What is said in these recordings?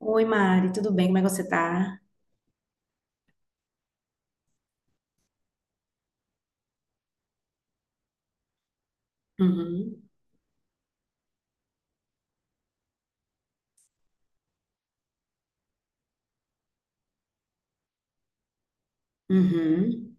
Oi, Mari, tudo bem? Como é que você tá? Uhum, uhum,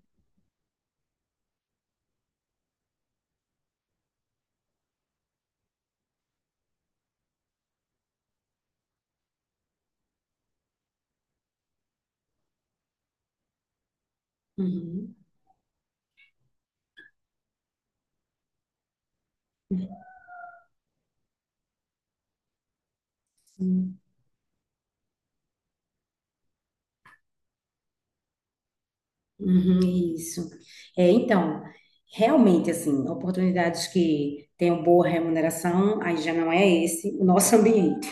uhum, uhum, uhum, isso. É, então, realmente, assim, oportunidades que tenham boa remuneração, aí já não é esse o nosso ambiente.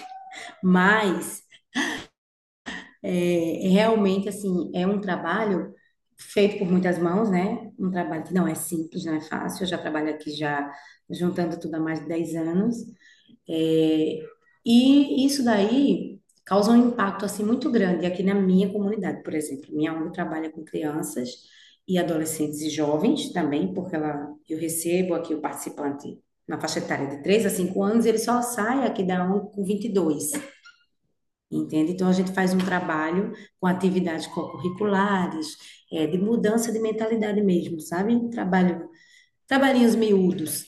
Mas, é realmente, assim, é um trabalho feito por muitas mãos, né? Um trabalho que não é simples, não é fácil. Eu já trabalho aqui já juntando tudo há mais de 10 anos. É, e isso daí causa um impacto assim muito grande aqui na minha comunidade, por exemplo. Minha ONG trabalha com crianças e adolescentes e jovens também, porque ela, eu recebo aqui o participante na faixa etária de 3 a 5 anos, ele só sai aqui da ONG com 22, entende? Então a gente faz um trabalho com atividades curriculares, é, de mudança de mentalidade mesmo, sabe? Trabalho, trabalhinhos miúdos.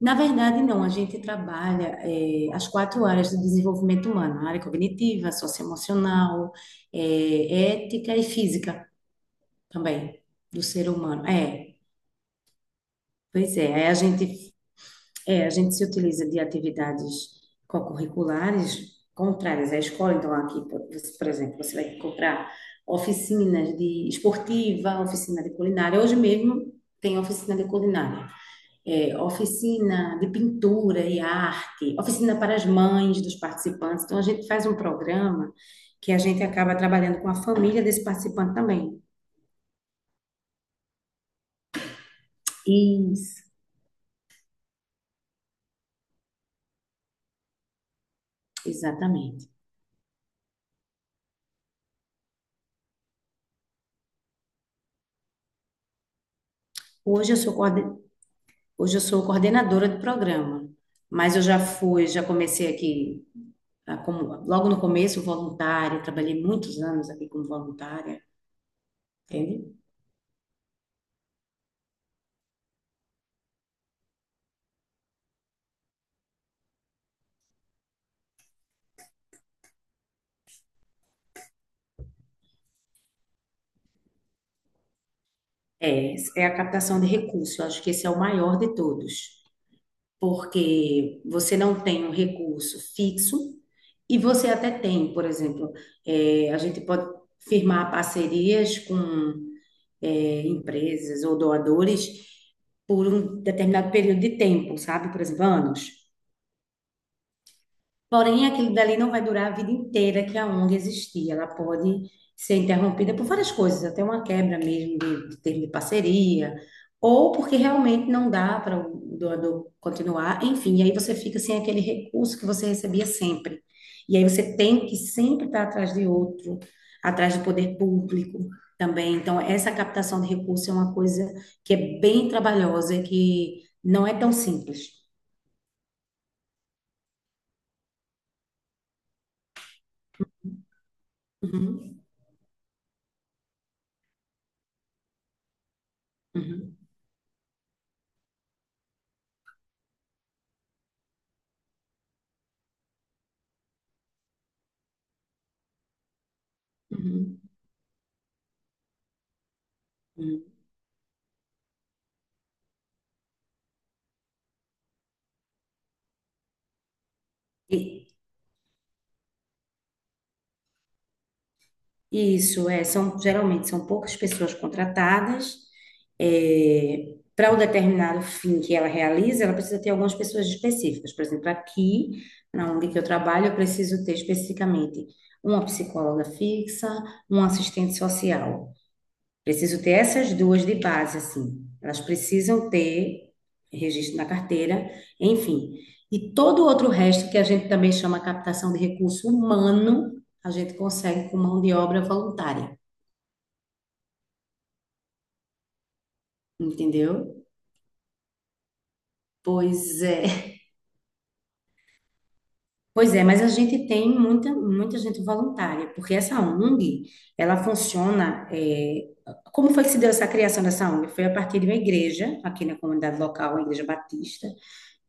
Na verdade, não, a gente trabalha as quatro áreas do desenvolvimento humano, a área cognitiva, socioemocional, eh, ética e física também, do ser humano. É, pois é, aí a gente, é, a gente se utiliza de atividades co-curriculares contrárias à escola, então aqui, por exemplo, você vai encontrar oficinas de esportiva, oficina de culinária, hoje mesmo tem oficina de culinária. É, oficina de pintura e arte, oficina para as mães dos participantes. Então, a gente faz um programa que a gente acaba trabalhando com a família desse participante também. Isso, exatamente. Hoje eu sou, coorden- Hoje eu sou coordenadora de programa, mas eu já fui, já comecei aqui, ah, como, logo no começo, voluntária, trabalhei muitos anos aqui como voluntária, entende? É, é a captação de recursos, eu acho que esse é o maior de todos. Porque você não tem um recurso fixo e você até tem, por exemplo, a gente pode firmar parcerias com empresas ou doadores por um determinado período de tempo, sabe? Por exemplo, anos. Porém, aquilo dali não vai durar a vida inteira que a ONG existir. Ela pode ser interrompida por várias coisas, até uma quebra mesmo de termo de parceria, ou porque realmente não dá para o doador continuar. Enfim, e aí você fica sem aquele recurso que você recebia sempre. E aí você tem que sempre estar atrás de outro, atrás do poder público também. Então, essa captação de recurso é uma coisa que é bem trabalhosa, que não é tão simples. Uhum, uhum, uhum, uhum. E- isso, é, são, geralmente são poucas pessoas contratadas. É, para o determinado fim que ela realiza, ela precisa ter algumas pessoas específicas. Por exemplo, aqui, na ONG que eu trabalho, eu preciso ter especificamente uma psicóloga fixa, um assistente social. Preciso ter essas duas de base, assim. Elas precisam ter registro na carteira, enfim. E todo o outro resto, que a gente também chama captação de recurso humano, a gente consegue com mão de obra voluntária, entendeu? Pois é. Pois é, mas a gente tem muita, muita gente voluntária, porque essa ONG, ela funciona. É, como foi que se deu essa criação dessa ONG? Foi a partir de uma igreja, aqui na comunidade local, a Igreja Batista,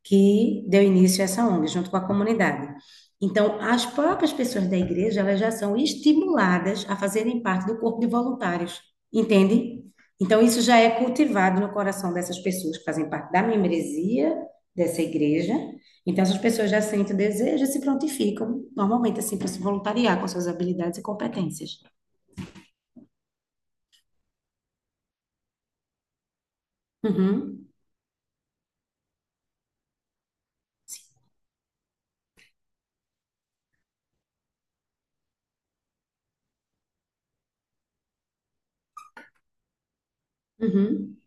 que deu início a essa ONG, junto com a comunidade. Então, as próprias pessoas da igreja, elas já são estimuladas a fazerem parte do corpo de voluntários, entende? Então, isso já é cultivado no coração dessas pessoas que fazem parte da membresia dessa igreja. Então, essas pessoas já sentem o desejo e se prontificam, normalmente, assim, para se voluntariar com suas habilidades e competências. Uhum, uhum,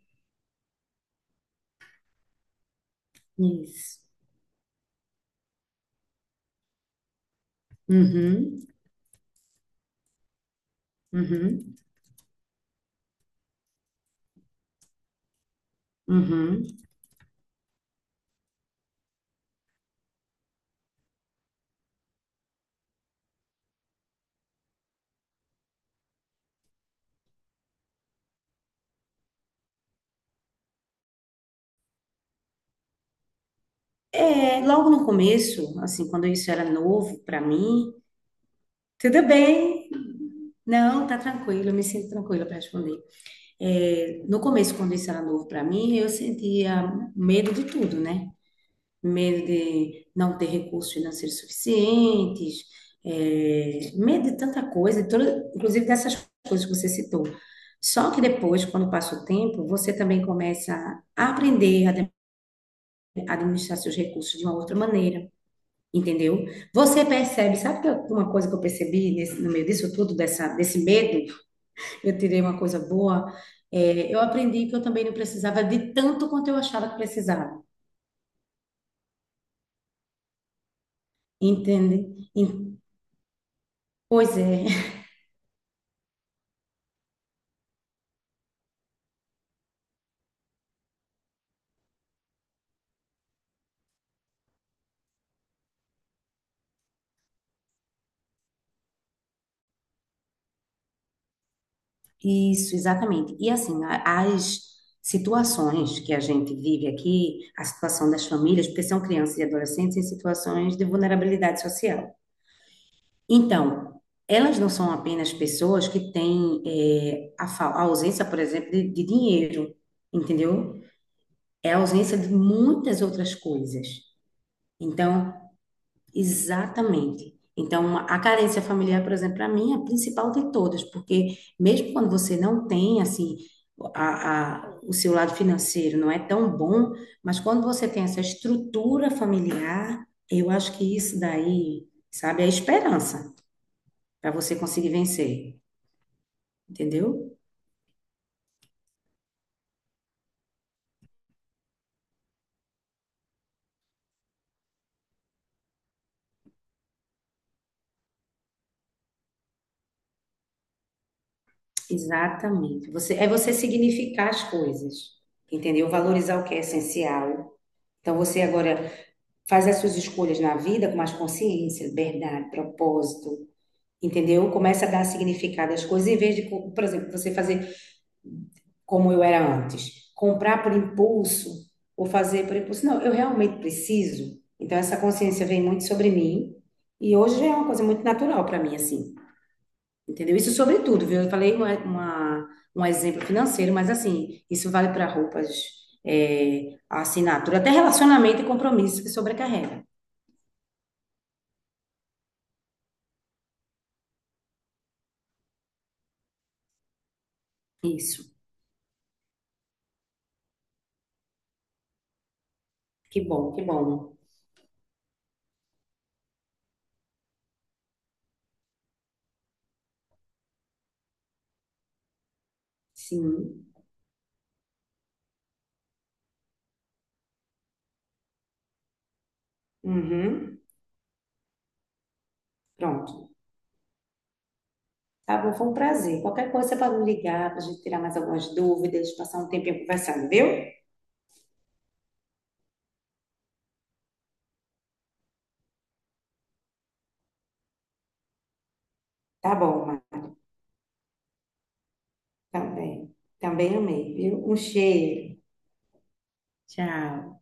isso. Uhum, uhum, uhum. É, logo no começo, assim, quando isso era novo para mim, tudo bem, não, tá tranquilo, eu me sinto tranquila para responder. É, no começo, quando isso era novo para mim, eu sentia medo de tudo, né? Medo de não ter recursos financeiros suficientes, é, medo de tanta coisa, inclusive dessas coisas que você citou. Só que depois, quando passa o tempo, você também começa a aprender administrar seus recursos de uma outra maneira. Entendeu? Você percebe, uma coisa que eu percebi no meio disso tudo, desse medo, eu tirei uma coisa boa, é, eu aprendi que eu também não precisava de tanto quanto eu achava que precisava, entende? E- pois é, isso, exatamente. E assim, as situações que a gente vive aqui, a situação das famílias, porque são crianças e adolescentes em situações de vulnerabilidade social. Então, elas não são apenas pessoas que têm a ausência, por exemplo, de dinheiro, entendeu? É a ausência de muitas outras coisas. Então, exatamente. Então, a carência familiar, por exemplo, para mim é a principal de todas, porque mesmo quando você não tem, assim, o seu lado financeiro não é tão bom, mas quando você tem essa estrutura familiar, eu acho que isso daí, sabe, é a esperança para você conseguir vencer. Entendeu? Exatamente. Você, é você significar as coisas, entendeu? Valorizar o que é essencial. Então você agora faz as suas escolhas na vida com mais consciência, liberdade, propósito, entendeu? Começa a dar significado às coisas em vez de, por exemplo, você fazer como eu era antes, comprar por impulso ou fazer por impulso. Não, eu realmente preciso. Então essa consciência vem muito sobre mim e hoje já é uma coisa muito natural para mim assim. Entendeu? Isso sobre tudo, viu? Eu falei um exemplo financeiro, mas assim, isso vale para roupas, é, assinatura, até relacionamento e compromisso que sobrecarrega. Isso. Que bom, que bom. Sim. Uhum. Pronto. Tá bom, foi um prazer. Qualquer coisa você pode me ligar para a gente tirar mais algumas dúvidas, passar um tempinho conversando, viu? Tá bom, Mário. Também. Também amei, viu? Um cheiro. Tchau.